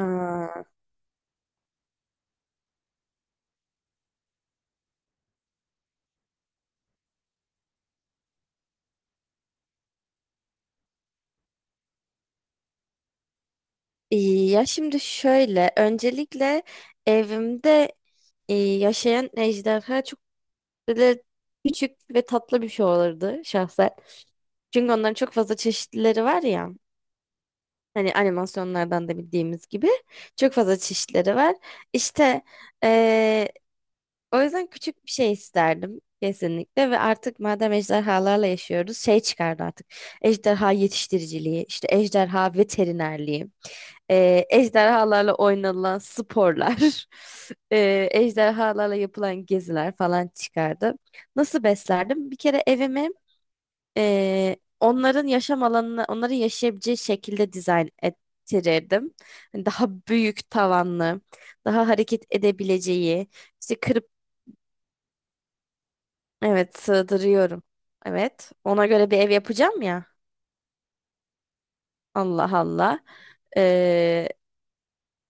Aa, iyi. Ya şimdi şöyle, öncelikle evimde yaşayan ejderha çok böyle küçük ve tatlı bir şey olurdu şahsen. Çünkü onların çok fazla çeşitlileri var ya. Hani animasyonlardan da bildiğimiz gibi çok fazla çeşitleri var. İşte e, o yüzden küçük bir şey isterdim kesinlikle ve artık madem ejderhalarla yaşıyoruz şey çıkardı artık. Ejderha yetiştiriciliği, işte ejderha veterinerliği. Ejderhalarla oynanılan sporlar, ejderhalarla yapılan geziler falan çıkardı. Nasıl beslerdim? Bir kere evimi onların yaşam alanına, onların yaşayabileceği şekilde dizayn ettirirdim. Hani daha büyük tavanlı, daha hareket edebileceği, işte kırıp, evet sığdırıyorum. Evet, ona göre bir ev yapacağım ya. Allah Allah. E,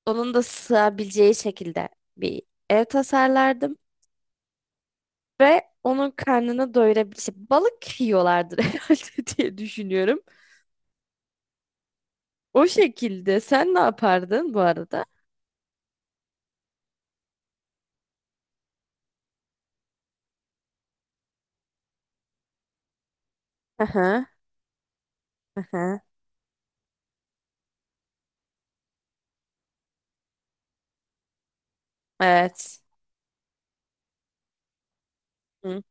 Onun da sığabileceği şekilde bir ev tasarlardım. Ve onun karnını doyurabilir. İşte balık yiyorlardır herhalde diye düşünüyorum. O şekilde. Sen ne yapardın bu arada? Aha, aha. Evet. Hı.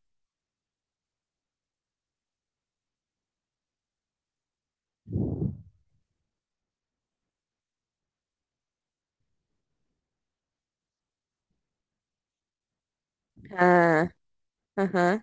Ha, aha.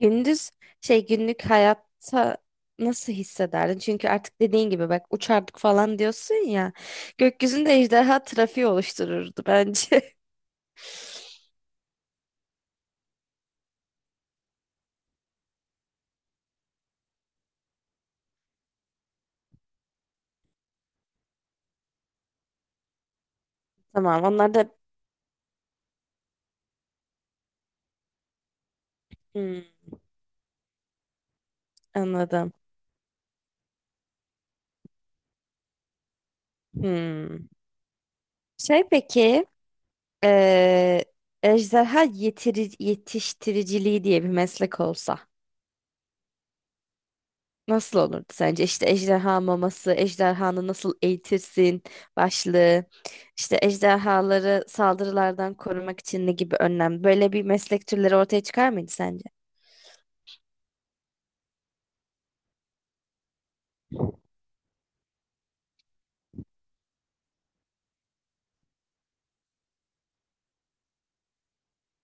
Gündüz şey günlük hayatta nasıl hissederdin? Çünkü artık dediğin gibi bak uçardık falan diyorsun ya. Gökyüzünde ejderha trafiği oluştururdu bence. Tamam onlar da. Hmm, anladım. Hmm. Şey peki, Eee ejderha yetiştiriciliği diye bir meslek olsa nasıl olurdu sence? İşte ejderha maması, ejderhanı nasıl eğitirsin başlığı, işte ejderhaları saldırılardan korumak için ne gibi önlem? Böyle bir meslek türleri ortaya çıkar mıydı sence?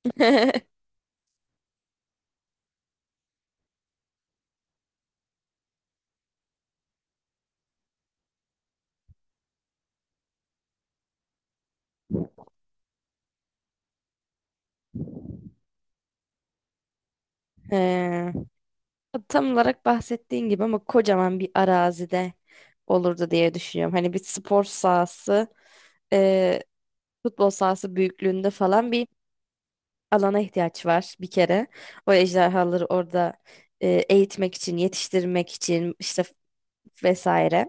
He. Tam olarak bahsettiğin gibi ama kocaman bir arazide olurdu diye düşünüyorum. Hani bir spor sahası, e, futbol sahası büyüklüğünde falan bir alana ihtiyaç var bir kere. O ejderhaları orada eğitmek için, yetiştirmek için işte vesaire.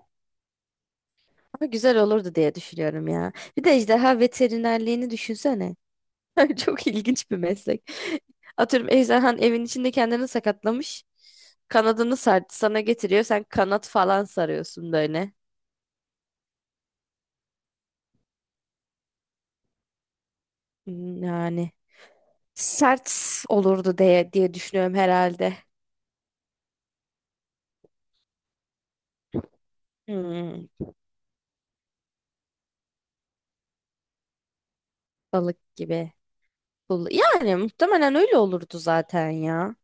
Ama güzel olurdu diye düşünüyorum ya. Bir de ejderha veterinerliğini düşünsene. Çok ilginç bir meslek. Atıyorum ejderhan evin içinde kendini sakatlamış. Kanadını sar sana getiriyor. Sen kanat falan sarıyorsun böyle. Hmm, yani sert olurdu diye düşünüyorum herhalde. Hmm, balık gibi. Yani muhtemelen öyle olurdu zaten ya.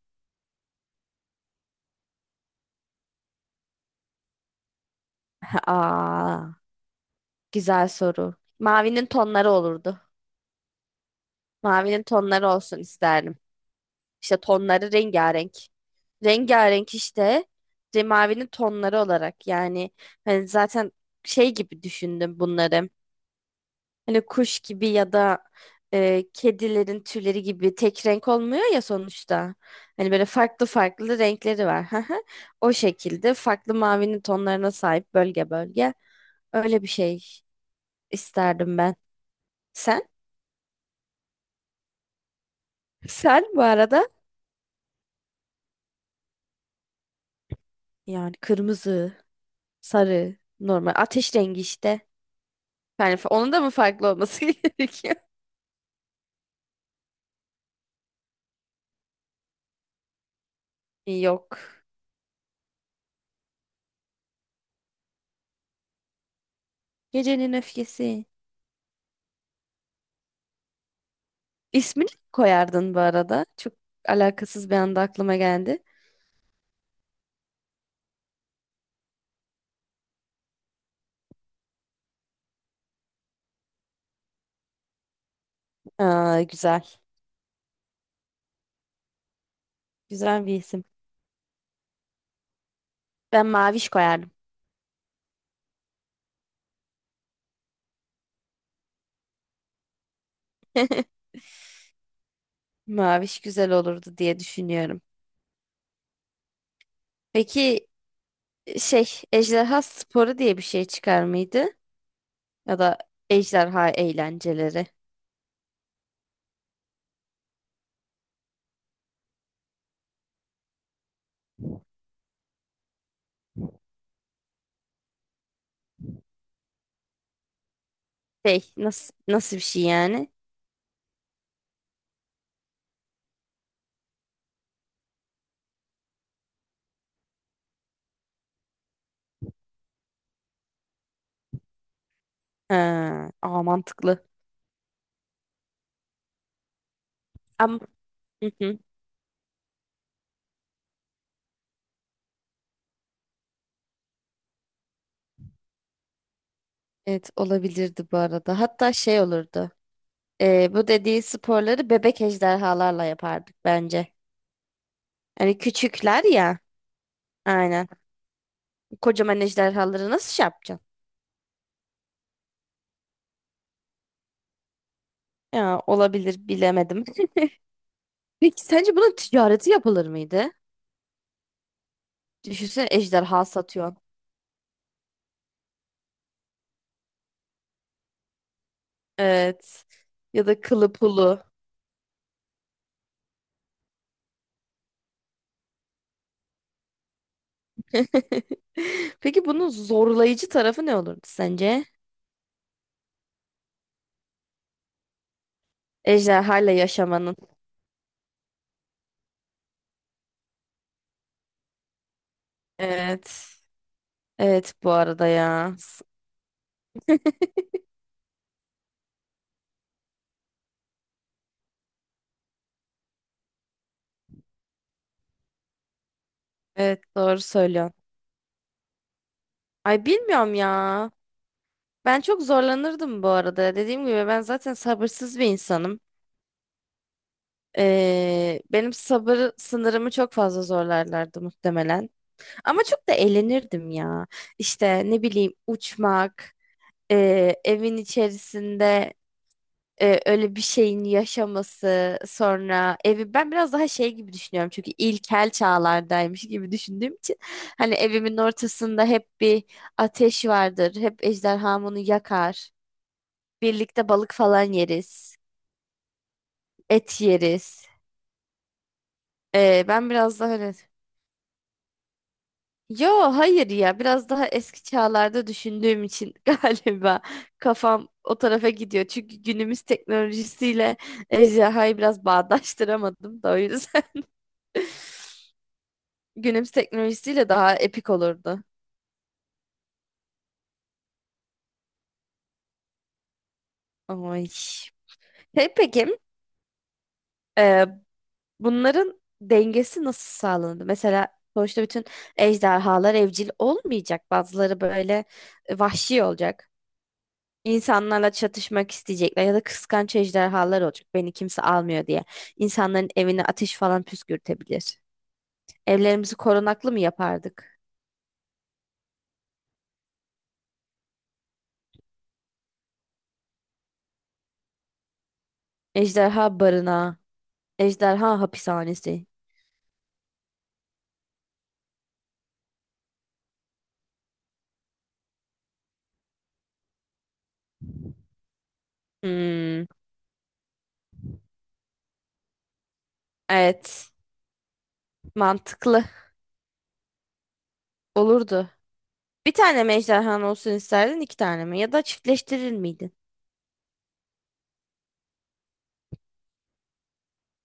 Aa, güzel soru. Mavinin tonları olurdu. Mavinin tonları olsun isterdim. İşte tonları rengarenk. Rengarenk işte mavinin tonları olarak yani hani zaten şey gibi düşündüm bunları. Hani kuş gibi ya da kedilerin tüyleri gibi tek renk olmuyor ya sonuçta. Hani böyle farklı farklı renkleri var. Hı hı. O şekilde farklı mavinin tonlarına sahip bölge bölge. Öyle bir şey isterdim ben. Sen? Sen bu arada yani kırmızı, sarı, normal ateş rengi işte. Yani onun da mı farklı olması gerekiyor? Yok. Gecenin öfkesi. İsmini mi koyardın bu arada? Çok alakasız bir anda aklıma geldi. Aa, güzel. Güzel bir isim. Ben Maviş koyardım. Maviş güzel olurdu diye düşünüyorum. Peki şey, Ejderha Sporu diye bir şey çıkar mıydı? Ya da ejderha eğlenceleri. Şey nasıl bir şey yani? Ha, aa, mantıklı. Ama hı hı. Evet olabilirdi bu arada. Hatta şey olurdu. Bu dediği sporları bebek ejderhalarla yapardık bence. Hani küçükler ya. Aynen. Kocaman ejderhaları nasıl şey yapacağız? Ya olabilir bilemedim. Peki sence bunun ticareti yapılır mıydı? Düşünsene ejderha satıyorsun. Evet. Ya da kılı pulu. Peki bunun zorlayıcı tarafı ne olurdu sence? Ejderhayla yaşamanın. Evet. Evet bu arada ya. S- Evet doğru söylüyorsun. Ay bilmiyorum ya. Ben çok zorlanırdım bu arada. Dediğim gibi ben zaten sabırsız bir insanım. Benim sabır sınırımı çok fazla zorlarlardı muhtemelen. Ama çok da eğlenirdim ya. İşte ne bileyim uçmak, evin içerisinde öyle bir şeyin yaşaması, sonra evi ben biraz daha şey gibi düşünüyorum. Çünkü ilkel çağlardaymış gibi düşündüğüm için hani evimin ortasında hep bir ateş vardır. Hep ejderham onu yakar. Birlikte balık falan yeriz, et yeriz. Ben biraz daha öyle. Yo, hayır ya biraz daha eski çağlarda düşündüğüm için galiba kafam o tarafa gidiyor. Çünkü günümüz teknolojisiyle ejderhayı biraz bağdaştıramadım da o yüzden. Günümüz teknolojisiyle daha epik olurdu. Ay. Hey, peki e, bunların dengesi nasıl sağlandı? Mesela sonuçta bütün ejderhalar evcil olmayacak. Bazıları böyle vahşi olacak. İnsanlarla çatışmak isteyecekler ya da kıskanç ejderhalar olacak. Beni kimse almıyor diye. İnsanların evine ateş falan püskürtebilir. Evlerimizi korunaklı mı yapardık? Ejderha barınağı, ejderha hapishanesi. Hmm, evet, mantıklı olurdu. Bir tane mi ejderhan olsun isterdin, iki tane mi? Ya da çiftleştirir miydin?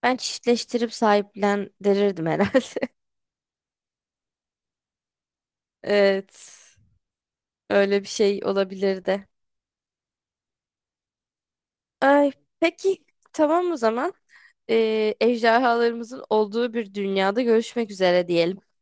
Ben çiftleştirip sahiplendirirdim herhalde. Evet, öyle bir şey olabilirdi. Ay, peki tamam o zaman. Ejderhalarımızın olduğu bir dünyada görüşmek üzere diyelim.